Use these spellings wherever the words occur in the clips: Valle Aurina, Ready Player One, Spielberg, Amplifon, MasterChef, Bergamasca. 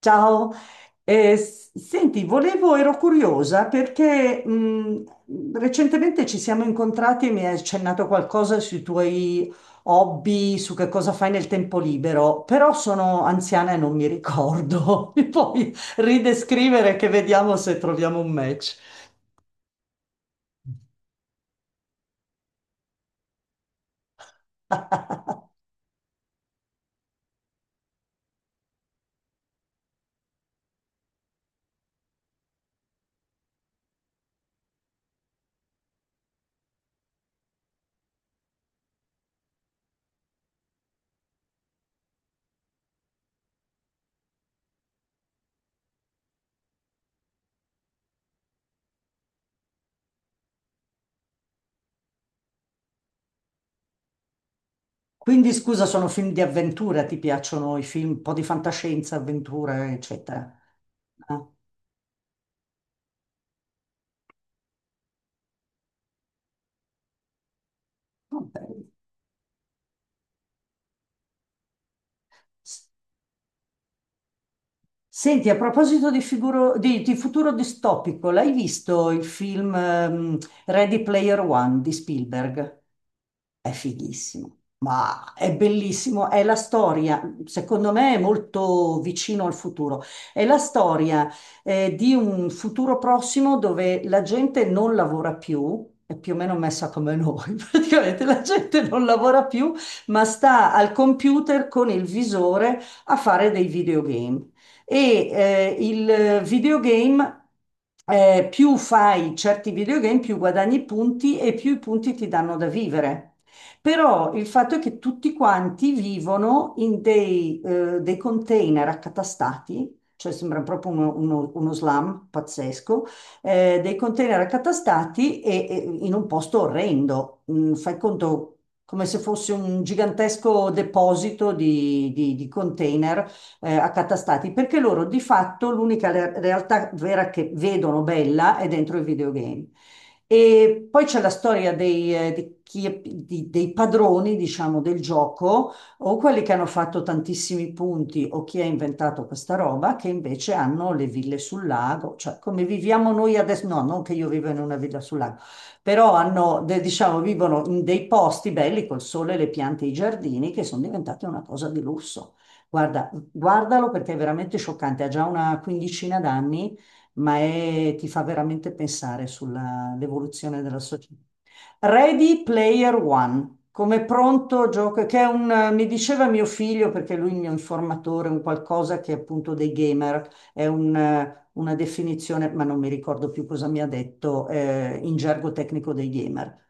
Ciao. Senti, volevo, ero curiosa perché recentemente ci siamo incontrati e mi hai accennato qualcosa sui tuoi hobby, su che cosa fai nel tempo libero, però sono anziana e non mi ricordo. Mi puoi ridescrivere che vediamo se troviamo un match. Quindi scusa, sono film di avventura, ti piacciono i film, un po' di fantascienza, avventura, eccetera. Ah, ok. Senti, a proposito di, figuro- di futuro distopico, l'hai visto il film Ready Player One di Spielberg? È fighissimo, ma è bellissimo, è la storia, secondo me è molto vicino al futuro, è la storia di un futuro prossimo dove la gente non lavora più, è più o meno messa come noi, praticamente la gente non lavora più, ma sta al computer con il visore a fare dei videogame. E il videogame, più fai certi videogame, più guadagni punti e più i punti ti danno da vivere. Però il fatto è che tutti quanti vivono in dei container accatastati, cioè sembra proprio uno slam pazzesco, dei container accatastati e in un posto orrendo. Fai conto come se fosse un gigantesco deposito di, di container accatastati, perché loro di fatto l'unica realtà vera che vedono bella è dentro il videogame. E poi c'è la storia dei, dei padroni, diciamo, del gioco, o quelli che hanno fatto tantissimi punti, o chi ha inventato questa roba, che invece hanno le ville sul lago, cioè come viviamo noi adesso, no, non che io vivo in una villa sul lago, però hanno, diciamo, vivono in dei posti belli col sole, le piante e i giardini, che sono diventati una cosa di lusso. Guarda, guardalo perché è veramente scioccante, ha già una quindicina d'anni, ma ti fa veramente pensare sull'evoluzione della società. Ready Player One, come pronto gioco, che è un, mi diceva mio figlio, perché lui è il mio informatore, un qualcosa che è appunto dei gamer, è una definizione, ma non mi ricordo più cosa mi ha detto, in gergo tecnico dei gamer.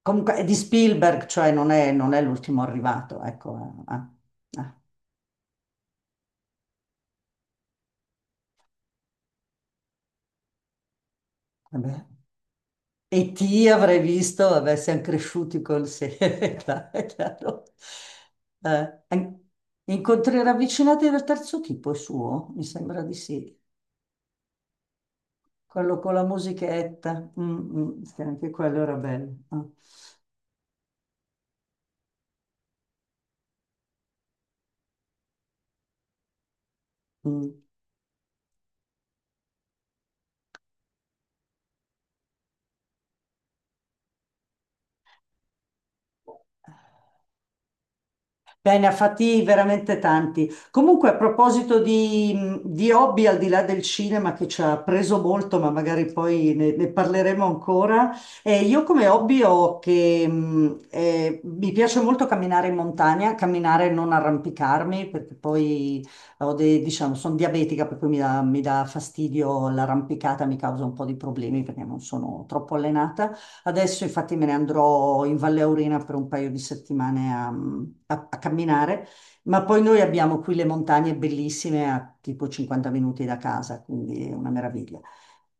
Comunque è di Spielberg, cioè non è, l'ultimo arrivato, ecco. Eh, eh, vabbè. E ti avrei visto, vabbè, siamo cresciuti col sé, è chiaro. È chiaro. Eh, an- Incontri ravvicinati del terzo tipo è suo, mi sembra di sì. Quello con la musichetta, mm, mm, sì, anche quello era bello. Ah, mm. Beh, ne ha fatti veramente tanti. Comunque, a proposito di hobby, al di là del cinema che ci ha preso molto, ma magari poi ne parleremo ancora, io come hobby ho che mi piace molto camminare in montagna, camminare e non arrampicarmi, perché poi diciamo, sono diabetica, per cui mi dà fastidio l'arrampicata, mi causa un po' di problemi perché non sono troppo allenata. Adesso infatti me ne andrò in Valle Aurina per un paio di settimane a, a camminare, ma poi noi abbiamo qui le montagne bellissime a tipo 50 minuti da casa, quindi è una meraviglia.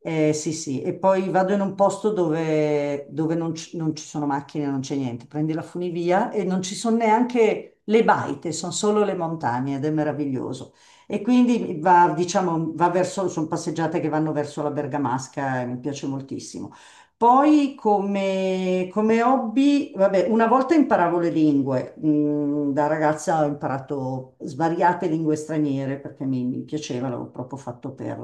Eh sì, sì, e poi vado in un posto dove non, ci sono macchine, non c'è niente, prendi la funivia e non ci sono neanche le baite, sono solo le montagne ed è meraviglioso. E quindi va, diciamo, va verso, sono passeggiate che vanno verso la Bergamasca e mi piace moltissimo. Poi come hobby, vabbè, una volta imparavo le lingue. Da ragazza ho imparato svariate lingue straniere perché mi piaceva, l'avevo proprio fatto per,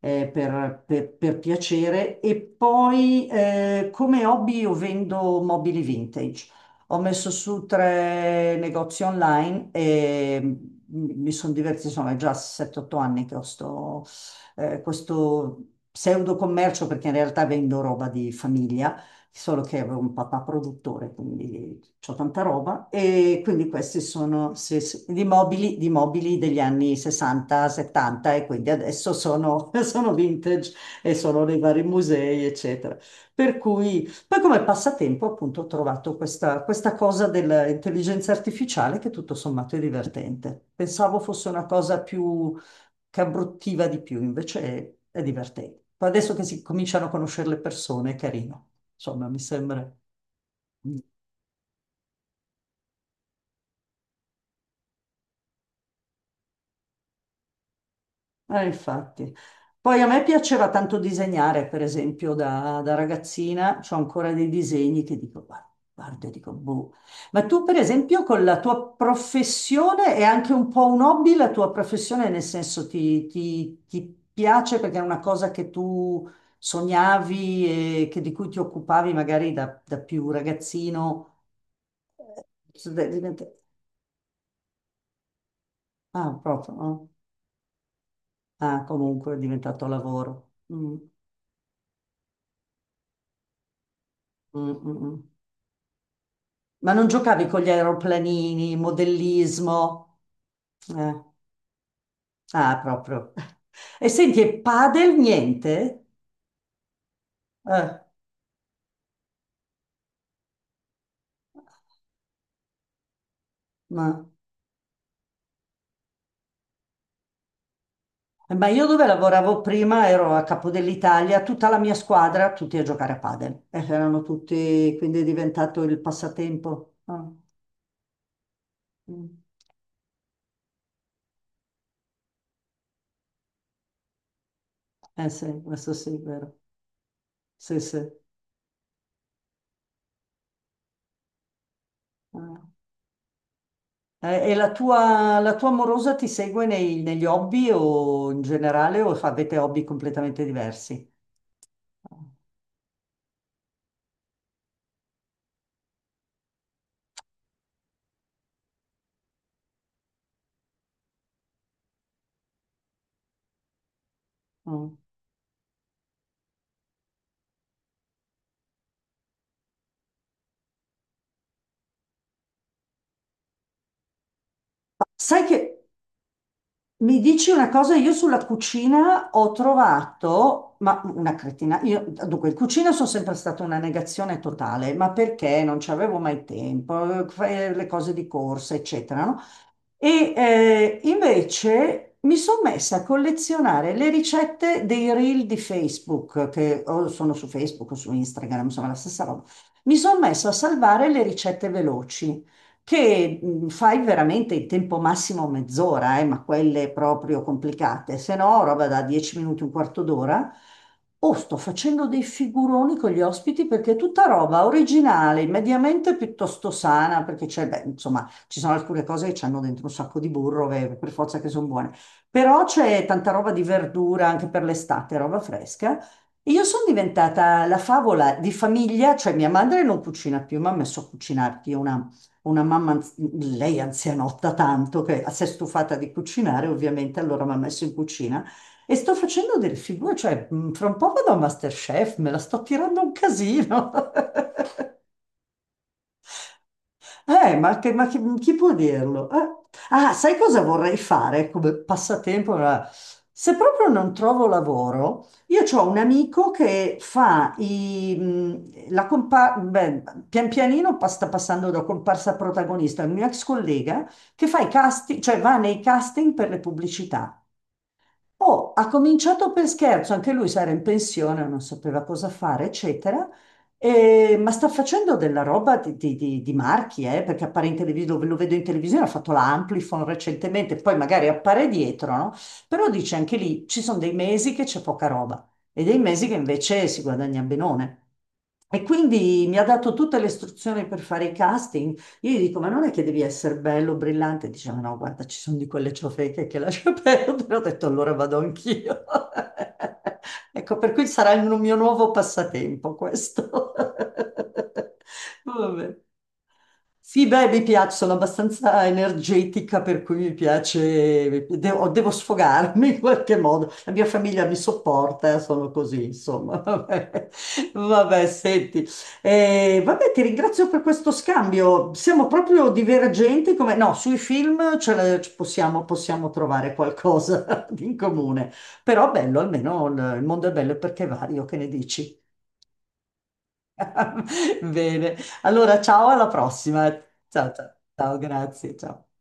per piacere. E poi come hobby io vendo mobili vintage. Ho messo su tre negozi online e mi sono divertita, insomma, è già 7-8 anni che ho sto, questo pseudo commercio perché in realtà vendo roba di famiglia solo che avevo un papà produttore, quindi ho tanta roba. E quindi questi sono sì, sì, gli mobili degli anni 60, 70 e quindi adesso sono, sono vintage e sono nei vari musei, eccetera. Per cui, poi come passatempo appunto ho trovato questa, questa cosa dell'intelligenza artificiale che tutto sommato è divertente. Pensavo fosse una cosa più che abbruttiva di più, invece è divertente. Poi adesso che si cominciano a conoscere le persone è carino. Insomma, mi sembra. Infatti. Poi a me piaceva tanto disegnare, per esempio, da ragazzina, ho ancora dei disegni che dico, guarda, guarda, dico, boh. Ma tu, per esempio, con la tua professione è anche un po' un hobby, la tua professione, nel senso ti, ti piace perché è una cosa che tu sognavi e di cui ti occupavi magari da più ragazzino. Diventa- Ah, proprio, no? Ah, comunque è diventato lavoro. Mm, mm, mm, mm. Ma non giocavi con gli aeroplanini, modellismo? Eh, Ah, proprio. E senti, e padel niente? Eh, ma, ma io dove lavoravo prima ero a Capo dell'Italia, tutta la mia squadra, tutti a giocare a padel. Erano tutti, quindi è diventato il passatempo. Ah, mm. Eh sì, questo sì, è vero. Sì, sì. Ah. E la tua amorosa ti segue negli hobby o in generale o avete hobby completamente diversi? Mm. Sai che mi dici una cosa, io sulla cucina ho trovato, ma una cretina, io, dunque, in cucina sono sempre stata una negazione totale, ma perché non ci avevo mai tempo, fai le cose di corsa, eccetera, no? E invece mi sono messa a collezionare le ricette dei reel di Facebook, che o sono su Facebook o su Instagram, insomma la stessa roba. Mi sono messa a salvare le ricette veloci, che fai veramente in tempo massimo mezz'ora, ma quelle proprio complicate, se no roba da 10 minuti, un quarto d'ora. O sto facendo dei figuroni con gli ospiti perché è tutta roba originale, mediamente piuttosto sana, perché c'è, beh, insomma, ci sono alcune cose che hanno dentro un sacco di burro, che per forza che sono buone. Però c'è tanta roba di verdura anche per l'estate, roba fresca. E io sono diventata la favola di famiglia, cioè mia madre non cucina più, ma ha messo a cucinarti una mamma, lei anzianotta tanto, che si è stufata di cucinare, ovviamente, allora mi ha messo in cucina. E sto facendo delle figure, cioè fra un po' vado a MasterChef, me la sto tirando un casino. Ma chi può dirlo? Ah, sai cosa vorrei fare come passatempo? Se proprio non trovo lavoro, io ho un amico che fa i, pian pianino sta passando da comparsa a protagonista, è un mio ex collega che fa i casting, cioè va nei casting per le pubblicità. Oh, ha cominciato per scherzo, anche lui si era in pensione, non sapeva cosa fare, eccetera. Ma sta facendo della roba di marchi, perché appare in televisione, lo vedo in televisione, ha fatto la Amplifon recentemente, poi magari appare dietro, no? Però dice anche lì, ci sono dei mesi che c'è poca roba e dei mesi che invece si guadagna benone. E quindi mi ha dato tutte le istruzioni per fare i casting, io gli dico, ma non è che devi essere bello, brillante? Diceva, no, guarda, ci sono di quelle ciofeche che lascia perdere. Ho detto, allora vado anch'io. Ecco, per cui sarà il mio nuovo passatempo questo. Vabbè. Sì, beh, mi piace, sono abbastanza energetica, per cui mi piace, devo sfogarmi in qualche modo. La mia famiglia mi sopporta, sono così, insomma. Vabbè, vabbè, senti. Vabbè, ti ringrazio per questo scambio. Siamo proprio divergenti, come... No, sui film ce la- ci possiamo, possiamo trovare qualcosa in comune. Però bello, almeno il mondo è bello perché è vario, che ne dici? Bene, allora ciao, alla prossima. Ciao, ciao, ciao, grazie, ciao.